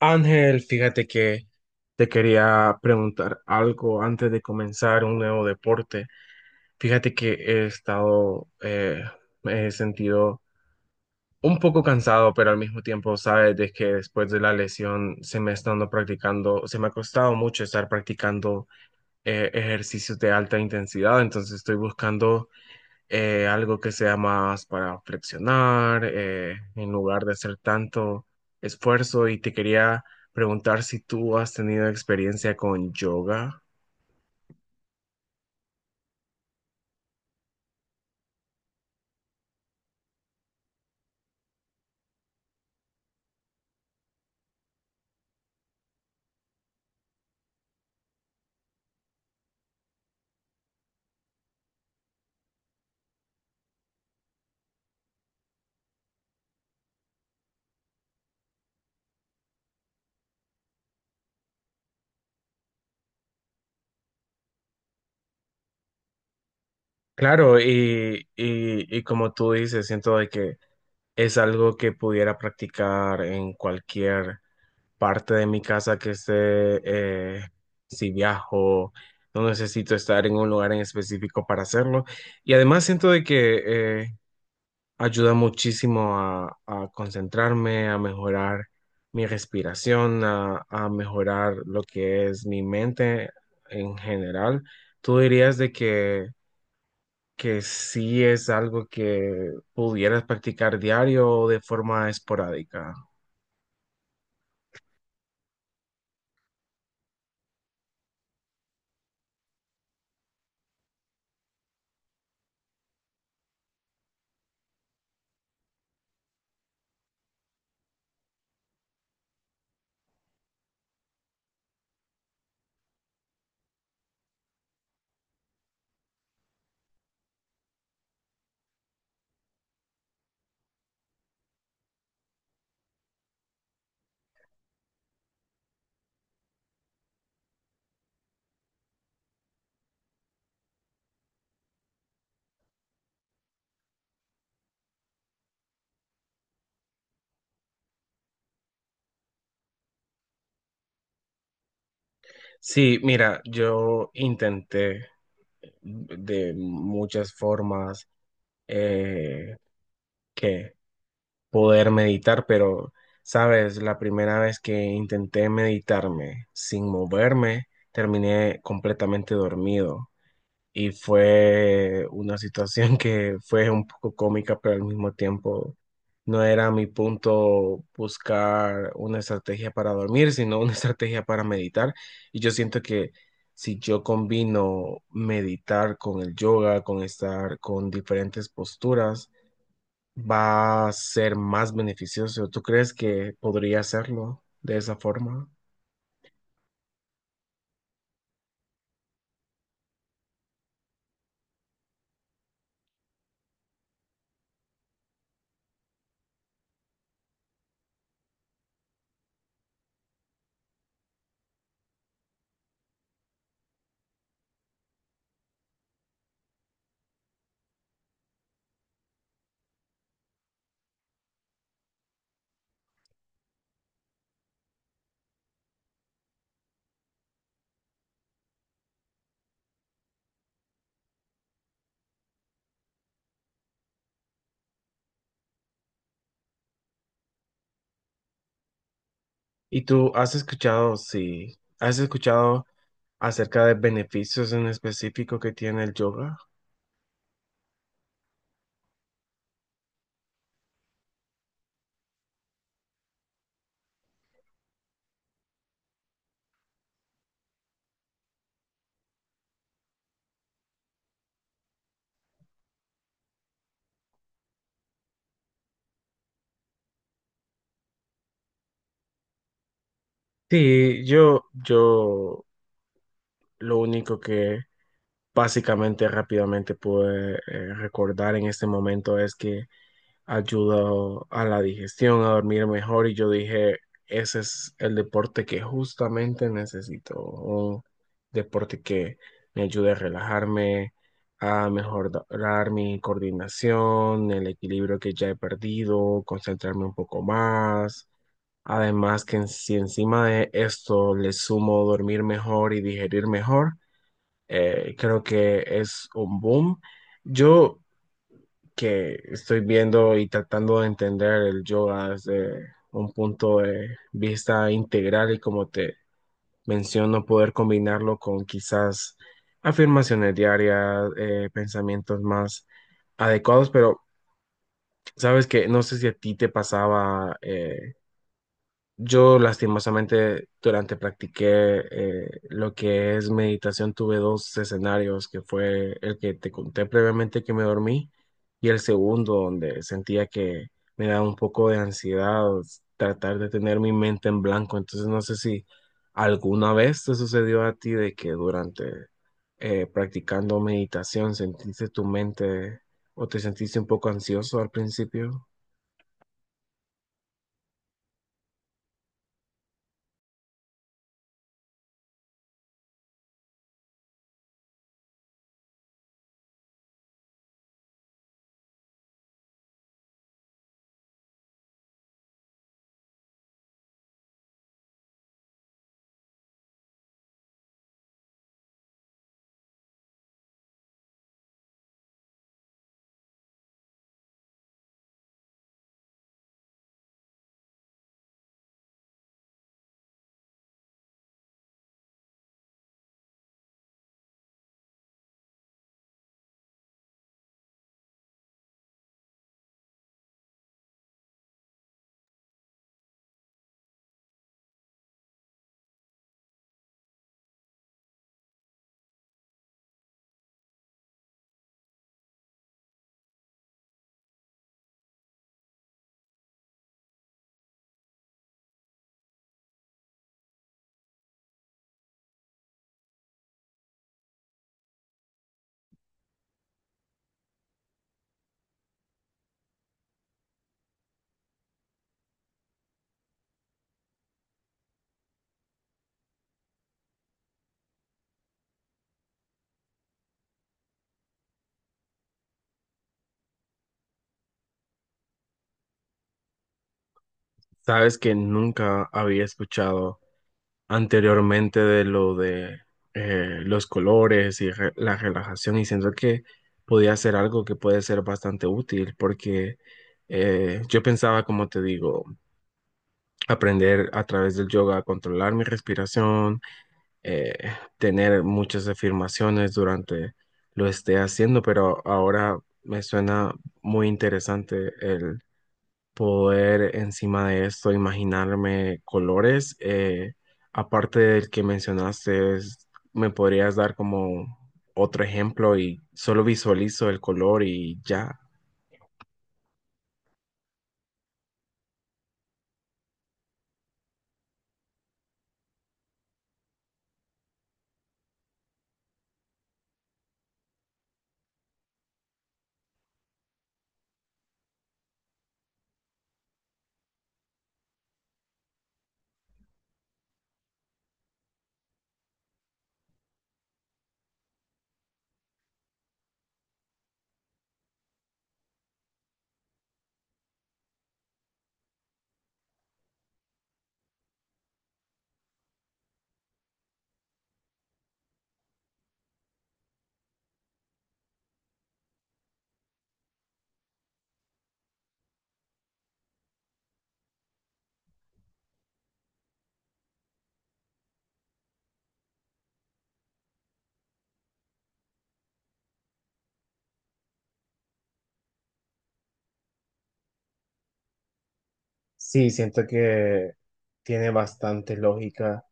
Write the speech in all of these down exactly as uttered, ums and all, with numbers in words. Ángel, fíjate que te quería preguntar algo antes de comenzar un nuevo deporte. Fíjate que he estado, eh, me he sentido un poco cansado, pero al mismo tiempo, sabes, de que después de la lesión se me ha estado practicando, se me ha costado mucho estar practicando eh, ejercicios de alta intensidad, entonces estoy buscando eh, algo que sea más para flexionar, eh, en lugar de hacer tanto esfuerzo. Y te quería preguntar si tú has tenido experiencia con yoga. Claro, y, y, y como tú dices, siento de que es algo que pudiera practicar en cualquier parte de mi casa que esté, eh, si viajo, no necesito estar en un lugar en específico para hacerlo. Y además siento de que eh, ayuda muchísimo a, a concentrarme, a mejorar mi respiración, a, a mejorar lo que es mi mente en general. ¿Tú dirías de que, que sí es algo que pudieras practicar diario o de forma esporádica? Sí, mira, yo intenté de muchas formas eh, que poder meditar, pero, sabes, la primera vez que intenté meditarme sin moverme, terminé completamente dormido y fue una situación que fue un poco cómica, pero al mismo tiempo no era mi punto buscar una estrategia para dormir, sino una estrategia para meditar. Y yo siento que si yo combino meditar con el yoga, con estar con diferentes posturas, va a ser más beneficioso. ¿Tú crees que podría hacerlo de esa forma? ¿Y tú has escuchado, si has escuchado acerca de beneficios en específico que tiene el yoga? Sí, yo, yo lo único que básicamente rápidamente pude eh, recordar en este momento es que ayudó a la digestión, a dormir mejor y yo dije, ese es el deporte que justamente necesito, un deporte que me ayude a relajarme, a mejorar mi coordinación, el equilibrio que ya he perdido, concentrarme un poco más. Además que en- si encima de esto le sumo dormir mejor y digerir mejor, eh, creo que es un boom. Yo que estoy viendo y tratando de entender el yoga desde un punto de vista integral y como te menciono, poder combinarlo con quizás afirmaciones diarias, eh, pensamientos más adecuados, pero sabes que no sé si a ti te pasaba eh, yo lastimosamente durante practiqué eh, lo que es meditación tuve dos escenarios, que fue el que te conté previamente que me dormí y el segundo donde sentía que me daba un poco de ansiedad tratar de tener mi mente en blanco. Entonces no sé si alguna vez te sucedió a ti de que durante eh, practicando meditación sentiste tu mente o te sentiste un poco ansioso al principio. Sabes que nunca había escuchado anteriormente de lo de eh, los colores y re- la relajación y siento que podía ser algo que puede ser bastante útil porque eh, yo pensaba, como te digo, aprender a través del yoga a controlar mi respiración, eh, tener muchas afirmaciones durante lo esté haciendo, pero ahora me suena muy interesante poder encima de esto imaginarme colores. Eh, aparte del que mencionaste, es- ¿me podrías dar como otro ejemplo y solo visualizo el color y ya? Sí, siento que tiene bastante lógica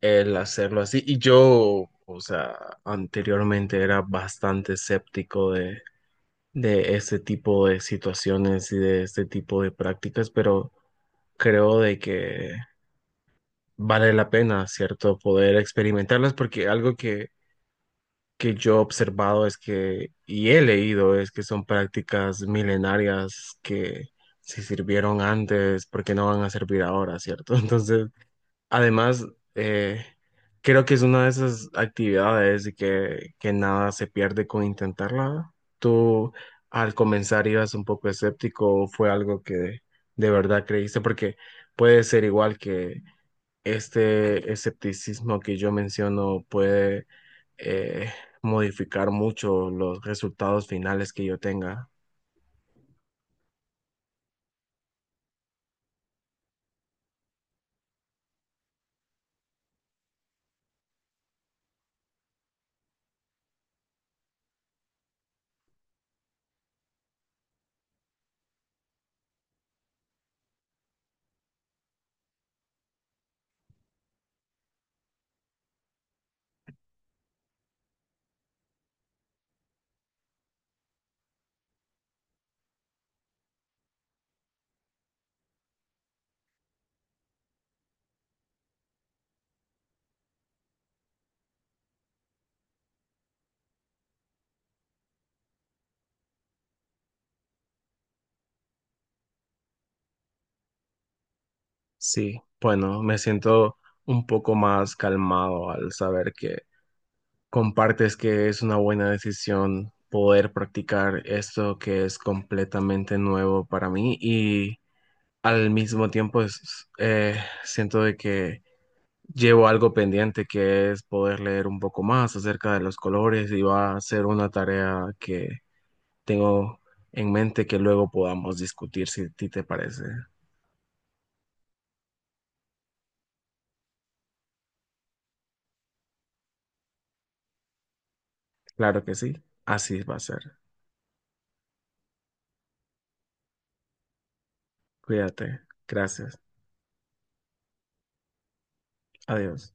el hacerlo así. Y yo, o sea, anteriormente era bastante escéptico de, de este tipo de situaciones y de este tipo de prácticas, pero creo de que vale la pena, ¿cierto? Poder experimentarlas porque algo que, que yo he observado es que, y he leído, es que son prácticas milenarias que si sirvieron antes, ¿por qué no van a servir ahora, ¿cierto? Entonces, además, eh, creo que es una de esas actividades de que, que nada se pierde con intentarla. ¿Tú al comenzar ibas un poco escéptico o fue algo que de verdad creíste? Porque puede ser igual que este escepticismo que yo menciono puede eh, modificar mucho los resultados finales que yo tenga. Sí, bueno, me siento un poco más calmado al saber que compartes que es una buena decisión poder practicar esto que es completamente nuevo para mí y al mismo tiempo es- eh, siento de que llevo algo pendiente que es poder leer un poco más acerca de los colores y va a ser una tarea que tengo en mente que luego podamos discutir si a ti te parece. Claro que sí, así va a ser. Cuídate. Gracias. Adiós.